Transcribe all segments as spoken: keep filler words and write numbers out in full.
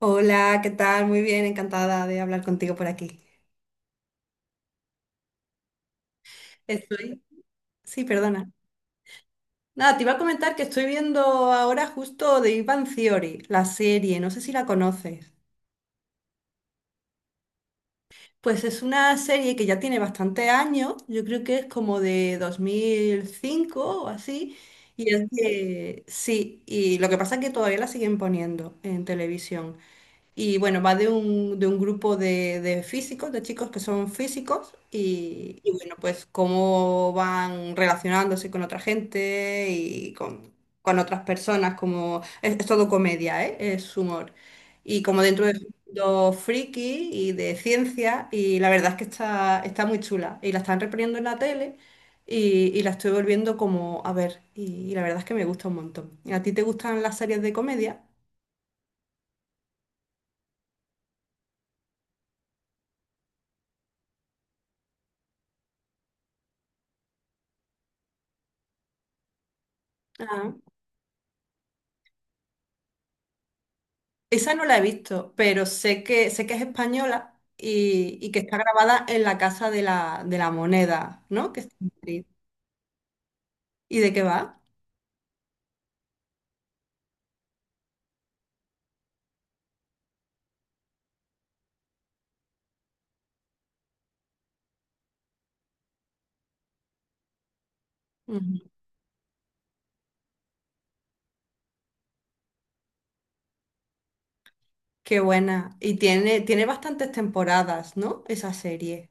Hola, ¿qué tal? Muy bien, encantada de hablar contigo por aquí. Estoy. Sí, perdona. Nada, te iba a comentar que estoy viendo ahora justo de Ivan Theory, la serie, no sé si la conoces. Pues es una serie que ya tiene bastantes años, yo creo que es como de dos mil cinco o así, y es de... Sí, y lo que pasa es que todavía la siguen poniendo en televisión. Y bueno, va de un, de un grupo de, de físicos, de chicos que son físicos, y, y bueno, pues cómo van relacionándose con otra gente y con, con otras personas, como es, es todo comedia, ¿eh? Es humor. Y como dentro de mundo friki y de ciencia, y la verdad es que está, está muy chula. Y la están reponiendo en la tele y, y la estoy volviendo como a ver, y, y la verdad es que me gusta un montón. ¿A ti te gustan las series de comedia? Ah. Esa no la he visto, pero sé que, sé que es española y, y que está grabada en la Casa de la, de la Moneda, ¿no? Que está en Madrid. ¿Y de qué va? Ujú. Qué buena. Y tiene, tiene bastantes temporadas, ¿no? Esa serie.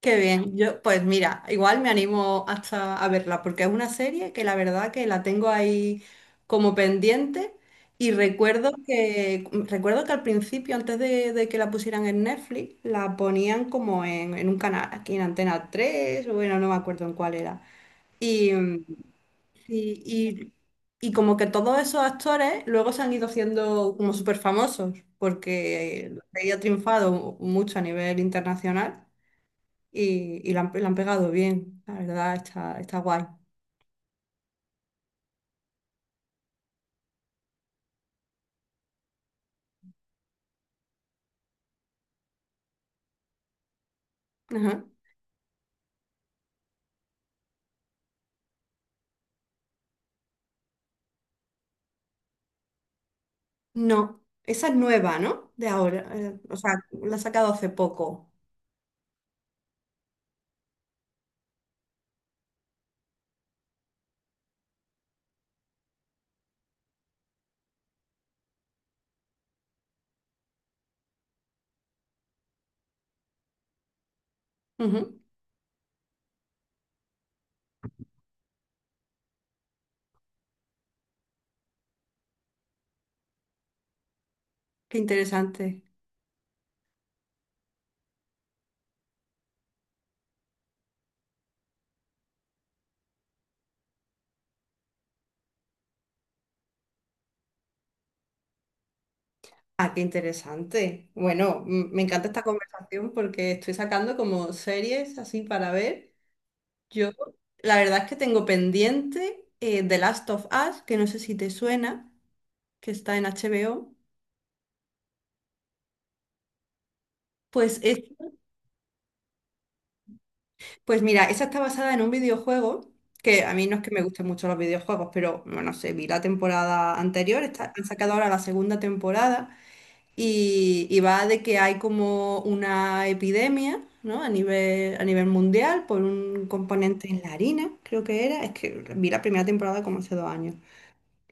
Qué bien, yo pues mira, igual me animo hasta a verla porque es una serie que la verdad que la tengo ahí como pendiente y recuerdo que recuerdo que al principio, antes de, de que la pusieran en Netflix, la ponían como en, en un canal, aquí en Antena tres o bueno, no me acuerdo en cuál era. Y, mm, y, y, y como que todos esos actores luego se han ido haciendo como súper famosos porque había triunfado mucho a nivel internacional y, y la han, la han pegado bien, la verdad, está, está guay. Ajá. No, esa es nueva, ¿no? De ahora, eh, o sea, la ha sacado hace poco. Ujú. Qué interesante. Ah, qué interesante. Bueno, m- me encanta esta conversación porque estoy sacando como series así para ver. Yo, la verdad es que tengo pendiente eh, The Last of Us, que no sé si te suena, que está en H B O. Pues es Pues mira, esa está basada en un videojuego, que a mí no es que me gusten mucho los videojuegos, pero bueno, no sé, vi la temporada anterior, está- han sacado ahora la segunda temporada y, y va de que hay como una epidemia, ¿no? A nivel, a nivel mundial por un componente en la harina, creo que era. Es que vi la primera temporada como hace dos años.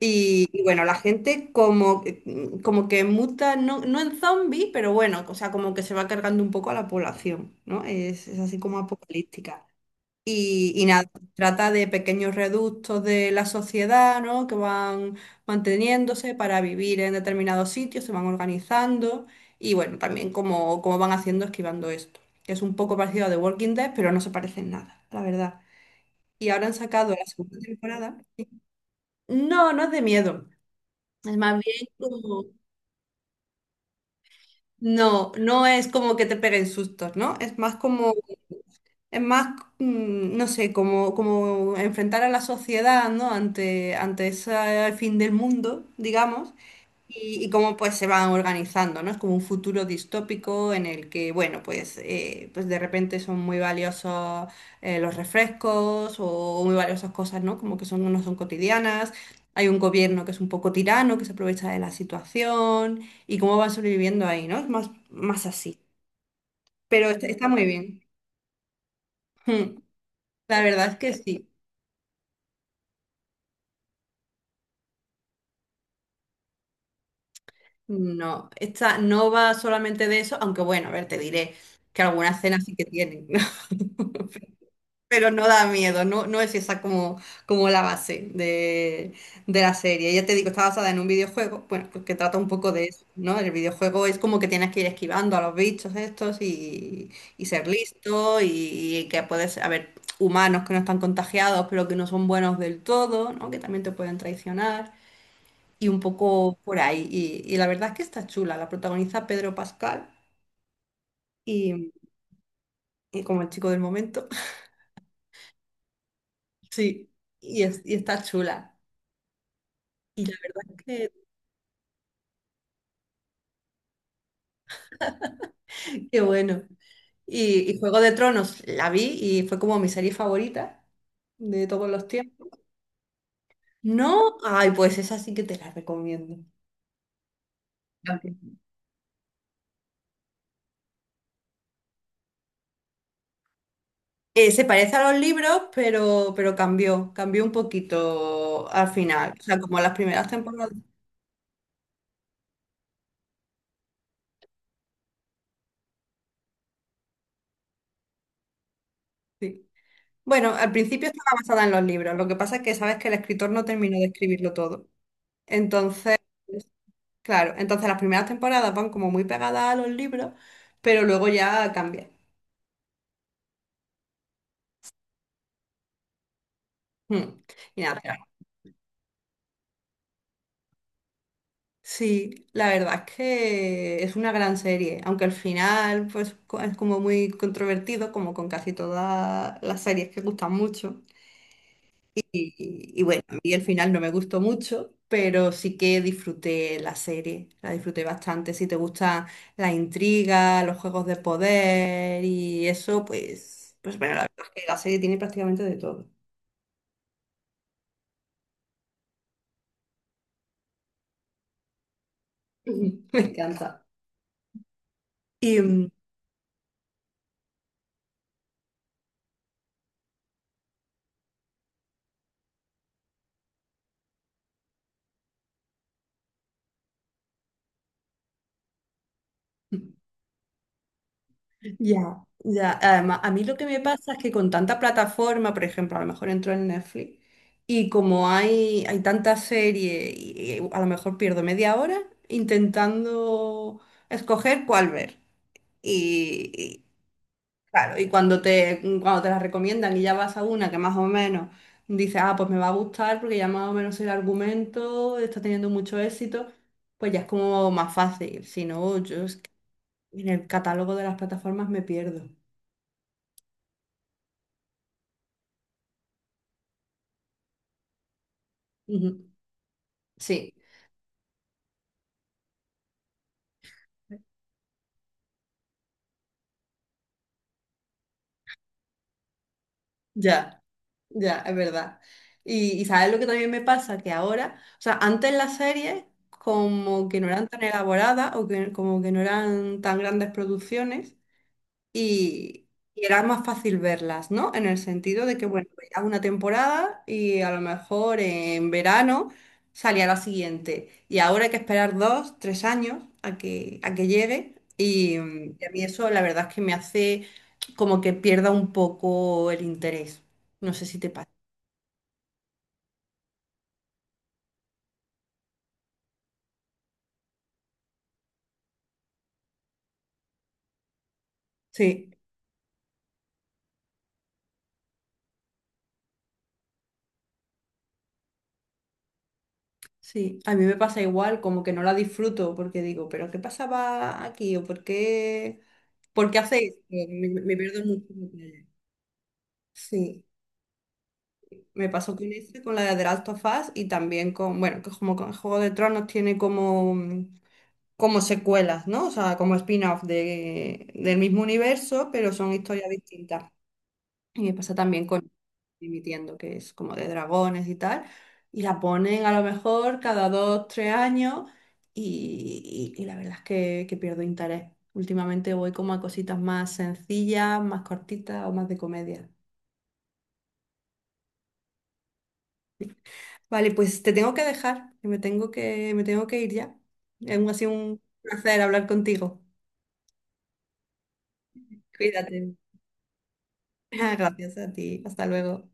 Y, y bueno, la gente como, como que muta, no, no en zombie, pero bueno, o sea, como que se va cargando un poco a la población, ¿no? Es, es así como apocalíptica. Y, y nada, trata de pequeños reductos de la sociedad, ¿no? Que van manteniéndose para vivir en determinados sitios, se van organizando y bueno, también cómo, cómo van haciendo esquivando esto. Es un poco parecido a The Walking Dead, pero no se parece en nada, la verdad. Y ahora han sacado la segunda temporada. No, no es de miedo. Es más bien como... No, no es como que te peguen sustos, ¿no? Es más como es más, mm, no sé, como, como enfrentar a la sociedad, ¿no? Ante, ante ese fin del mundo, digamos, y, y cómo pues se van organizando, ¿no? Es como un futuro distópico en el que, bueno, pues, eh, pues de repente son muy valiosos eh, los refrescos o muy valiosas cosas, ¿no? Como que son, no son cotidianas. Hay un gobierno que es un poco tirano, que se aprovecha de la situación y cómo van sobreviviendo ahí, ¿no? Es más, más así. Pero está, está muy bien. Mm, La verdad es que sí. No, esta no va solamente de eso, aunque bueno, a ver, te diré que algunas cenas sí que tienen, ¿no? Pero no da miedo, no, no es esa como, como la base de, de la serie. Ya te digo, está basada en un videojuego, bueno, pues que trata un poco de eso, ¿no? El videojuego es como que tienes que ir esquivando a los bichos estos y, y ser listo y, que puedes, a ver, humanos que no están contagiados, pero que no son buenos del todo, ¿no? Que también te pueden traicionar y un poco por ahí. Y, y la verdad es que está chula. La protagoniza Pedro Pascal y, y como el chico del momento. Sí, y, es- y está chula. Y la verdad es que, qué bueno. Y, y Juego de Tronos la vi y fue como mi serie favorita de todos los tiempos. No, ay, pues esa sí que te la recomiendo. También. Eh, se parece a los libros, pero, pero cambió, cambió un poquito al final. O sea, como las primeras temporadas. Sí. Bueno, al principio estaba basada en los libros, lo que pasa es que sabes que el escritor no terminó de escribirlo todo. Entonces, claro, entonces las primeras temporadas van como muy pegadas a los libros, pero luego ya cambia. Mm. Y nada, claro. Sí, la verdad es que es una gran serie, aunque al final pues co- es como muy controvertido, como con casi todas las series que gustan mucho. Y, y- y bueno, a mí el final no me gustó mucho, pero sí que disfruté la serie, la disfruté bastante. Si te gusta la intriga, los juegos de poder y eso, pues, pues bueno, la verdad es que la serie tiene prácticamente de todo. Me encanta. Y, mm, Ya, ya. Además, a mí lo que me pasa es que con tanta plataforma, por ejemplo, a lo mejor entro en Netflix y como hay, hay tanta serie y y a lo mejor pierdo media hora intentando escoger cuál ver. Y, y, claro, y cuando te, cuando te la recomiendan y ya vas a una que más o menos dices, ah, pues me va a gustar porque ya más o menos el argumento está teniendo mucho éxito, pues ya es como más fácil. Si no, yo es que en el catálogo de las plataformas me pierdo. Ujú. Sí. Ya, ya, es verdad. Y, y sabes lo que también me pasa, que ahora, o sea, antes las series como que no eran tan elaboradas o que como que no eran tan grandes producciones, y, y era más fácil verlas, ¿no? En el sentido de que, bueno, veías una temporada y a lo mejor en verano salía la siguiente. Y ahora hay que esperar dos, tres años a que, a que llegue. Y, mm, y a mí eso la verdad es que me hace como que pierda un poco el interés. No sé si te pasa. Sí, sí, a mí me pasa igual, como que no la disfruto porque digo, pero ¿qué pasaba aquí? ¿O por qué, por qué hacéis? ¿Esto? Me me pierdo mucho. Sí. Me pasó con esa, con la de The Last of Us y también con, bueno, que como con Juego de Tronos tiene como, mm, como secuelas, ¿no? O sea, como spin-off de, del mismo universo, pero son historias distintas. Y me pasa también con Dimitiendo, que es como de dragones y tal, y la ponen a lo mejor cada dos, tres años y, y- y la verdad es que, que pierdo interés. Últimamente voy como a cositas más sencillas, más cortitas o más de comedia. Vale, pues te tengo que dejar, que me tengo que, me tengo que ir ya. Aún ha sido un placer hablar contigo. Cuídate. Gracias a ti. Hasta luego.